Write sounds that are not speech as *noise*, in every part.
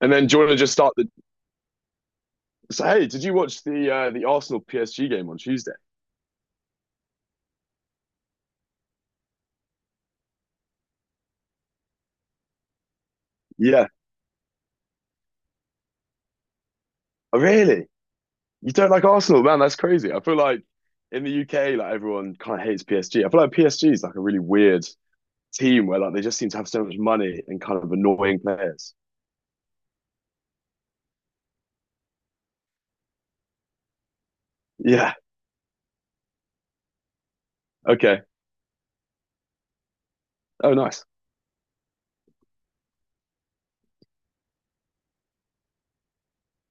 And then do you want to just start the say, hey, did you watch the Arsenal PSG game on Tuesday? Yeah. Oh, really? You don't like Arsenal, man? That's crazy. I feel like in the UK, like everyone kind of hates PSG. I feel like PSG is like a really weird team where like they just seem to have so much money and kind of annoying players. Yeah. Okay. Oh, nice.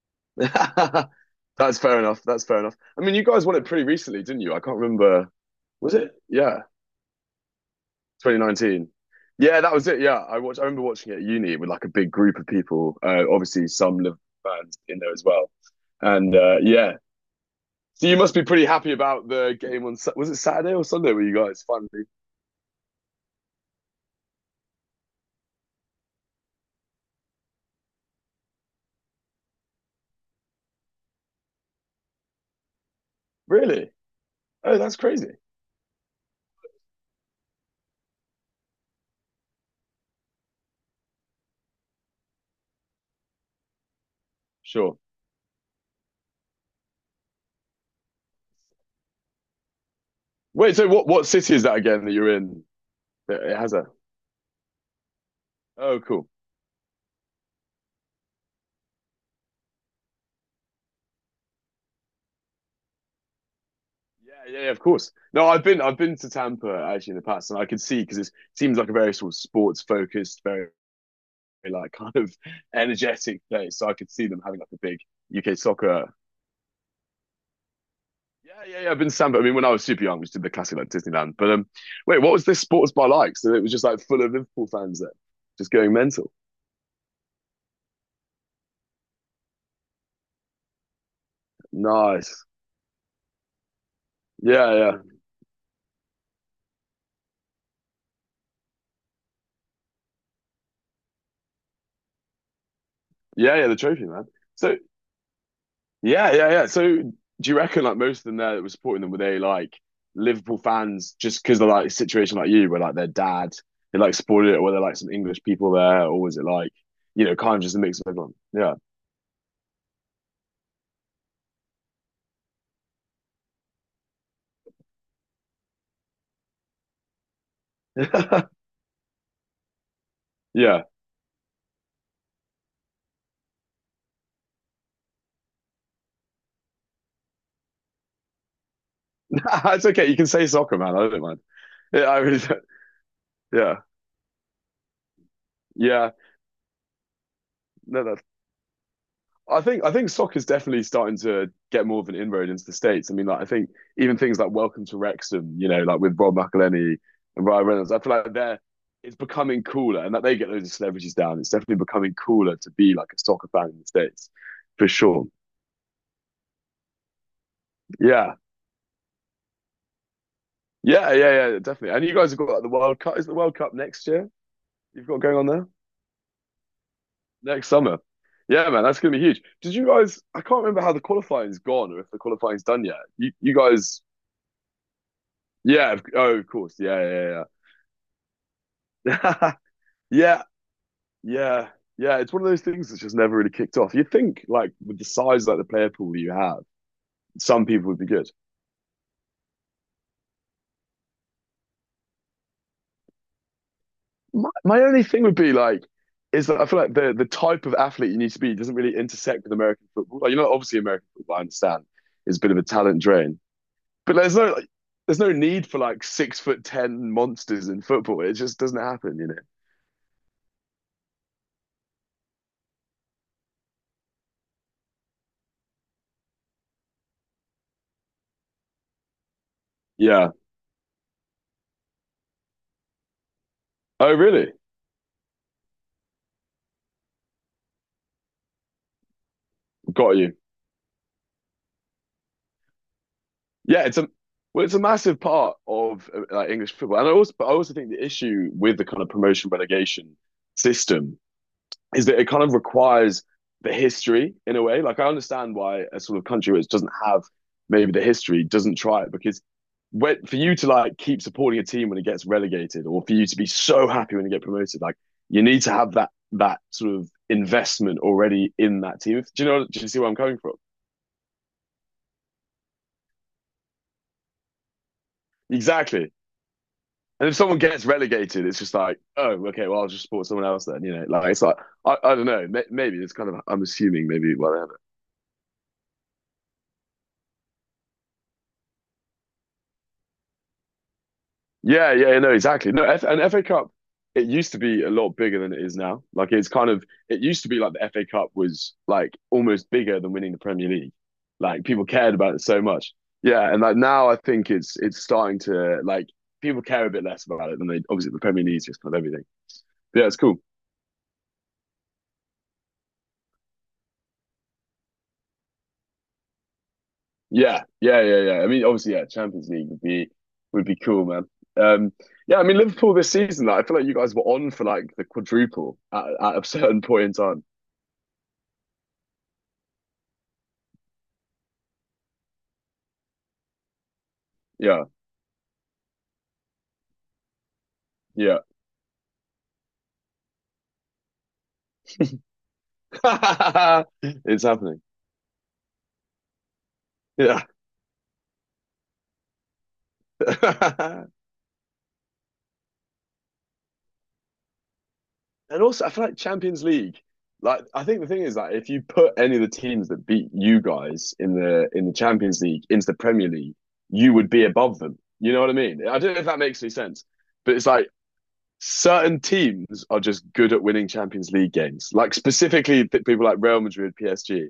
*laughs* That's fair enough. That's fair enough. I mean, you guys won it pretty recently, didn't you? I can't remember. Was it? Yeah. 2019. Yeah, that was it. Yeah, I watched. I remember watching it at uni with like a big group of people. Obviously, some Liverpool fans in there as well. And yeah, so you must be pretty happy about the game on. Sa- Was it Saturday or Sunday? Were you guys finally? Really? Oh, that's crazy. Sure. Wait. So what? What city is that again that you're in? That it has a. Oh, cool. Yeah, yeah, yeah, of course. No, I've been to Tampa actually in the past, and I could see because it seems like a very sort of sports focused, very like kind of energetic place. So I could see them having like a big UK soccer. Yeah, yeah, yeah. I've been to Sandpit. I mean, when I was super young, we just did the classic like Disneyland. But Wait, what was this sports bar like? So it was just like full of Liverpool fans there, just going mental. Nice. Yeah, yeah, yeah, yeah. The trophy, man. So yeah, yeah, yeah. So do you reckon like most of them there that were supporting them were they like Liverpool fans just because of like a situation like you, where like their dad they like supported it, or were there like some English people there, or was it like kind of just a mix of everyone? Yeah. *laughs* Yeah, *laughs* it's okay. You can say soccer, man. I don't mind. Yeah, I mean, *laughs* yeah, yeah. No, that's. I think soccer is definitely starting to get more of an inroad into the states. I mean, like I think even things like Welcome to Wrexham, like with Rob McElhenney and Ryan Reynolds. I feel like they're it's becoming cooler, and that they get loads of celebrities down. It's definitely becoming cooler to be like a soccer fan in the states, for sure. Yeah, yeah, yeah, yeah, definitely. And you guys have got like the World Cup. Is the World Cup next year? You've got going on there. Next summer. Yeah, man, that's gonna be huge. Did you guys? I can't remember how the qualifying's gone or if the qualifying's done yet. You guys? Yeah. of- Oh, of course. Yeah, yeah, yeah, *laughs* yeah, yeah, yeah. It's one of those things that's just never really kicked off. You'd think, like, with the size like the player pool you have, some people would be good. My only thing would be like, is that I feel like the type of athlete you need to be doesn't really intersect with American football. Like, obviously American football, I understand, is a bit of a talent drain. But there's no like, there's no need for like 6 foot ten monsters in football. It just doesn't happen, Yeah. Oh, really? Got you. Yeah, it's a well, it's a massive part of like English football, and I also but I also think the issue with the kind of promotion relegation system is that it kind of requires the history in a way. Like I understand why a sort of country which doesn't have maybe the history doesn't try it because when, for you to like keep supporting a team when it gets relegated or for you to be so happy when you get promoted, like you need to have that sort of investment already in that team. Do you know? Do you see where I'm coming from? Exactly. And if someone gets relegated, it's just like, oh, okay, well, I'll just support someone else then. Like it's like I don't know. Maybe it's kind of I'm assuming maybe whatever. Yeah, yeah, no, exactly. No, F and FA Cup, it used to be a lot bigger than it is now. Like it's kind of it used to be like the FA Cup was like almost bigger than winning the Premier League. Like people cared about it so much. Yeah, and like now I think it's starting to like people care a bit less about it than they obviously the Premier League is just kind of everything. But yeah, it's cool. Yeah, yeah, yeah, yeah. I mean, obviously, yeah, Champions League would be cool, man. Um, yeah, I mean Liverpool this season, like, I feel like you guys were on for like the quadruple at a certain point in time. Yeah, yeah. *laughs* It's happening. Yeah. *laughs* And also, I feel like Champions League, like I think the thing is that if you put any of the teams that beat you guys in the Champions League into the Premier League, you would be above them. You know what I mean? I don't know if that makes any sense, but it's like certain teams are just good at winning Champions League games. Like specifically th- people like Real Madrid, PSG,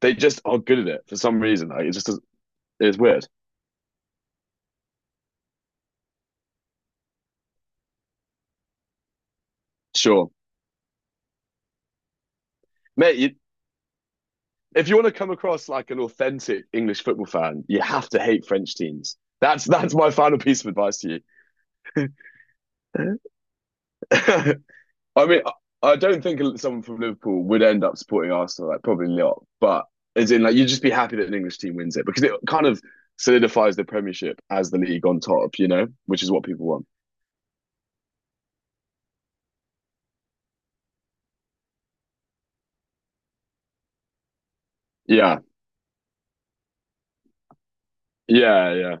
they just are good at it for some reason. Like it just it's weird. Sure, mate. You, if you want to come across like an authentic English football fan, you have to hate French teams. That's my final piece of advice to you. *laughs* I mean, I don't think someone from Liverpool would end up supporting Arsenal. Like probably not, but as in like you'd just be happy that an English team wins it because it kind of solidifies the Premiership as the league on top. You know, which is what people want. Yeah, yeah, yeah,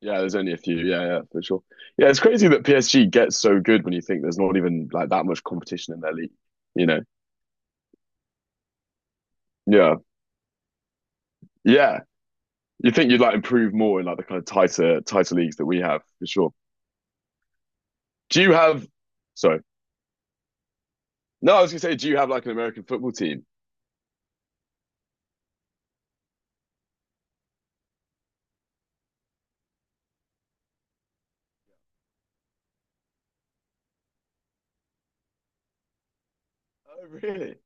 yeah. There's only a few. Yeah, yeah, for sure. Yeah, it's crazy that PSG gets so good when you think there's not even like that much competition in their league. You know. Yeah. Yeah. You think you'd like improve more in like the kind of tighter tighter leagues that we have for sure. Do you have sorry. No, I was gonna say, do you have like an American football team? Oh, really?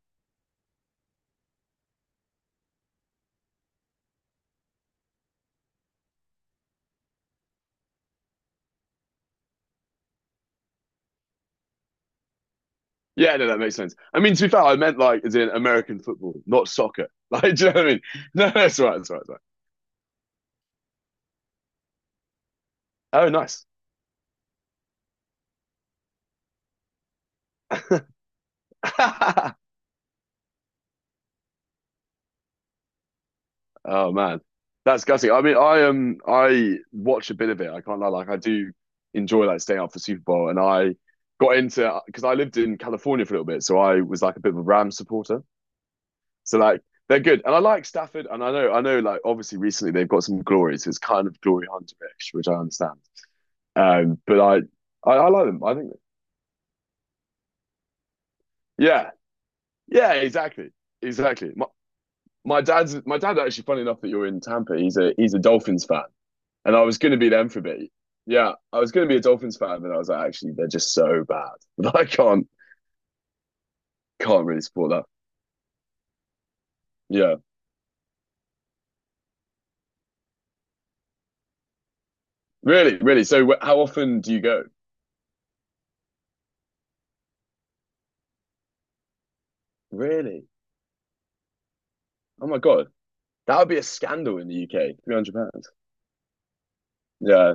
Yeah, no, that makes sense. I mean, to be fair, I meant like as in American football, not soccer. *laughs* Like, do you know what I mean? No, no, that's right, that's right, that's right. Oh, nice. *laughs* Oh man, that's gutting. I mean, I watch a bit of it. I can't lie, like I do enjoy like staying up for Super Bowl, and I got into because I lived in California for a little bit, so I was like a bit of a Rams supporter. So like they're good, and I like Stafford, and I know like obviously recently they've got some glory, so it's kind of glory hunterish, which I understand. But I like them. I think yeah, yeah, exactly, exactly. My dad actually. Funny enough that you're in Tampa, he's a Dolphins fan, and I was going to be them for a bit. Yeah, I was going to be a Dolphins fan, but I was like, actually, they're just so bad. *laughs* I can't really support that. Yeah, really, really. So wh- how often do you go? Really? Oh my god, that would be a scandal in the UK. £300. Yeah.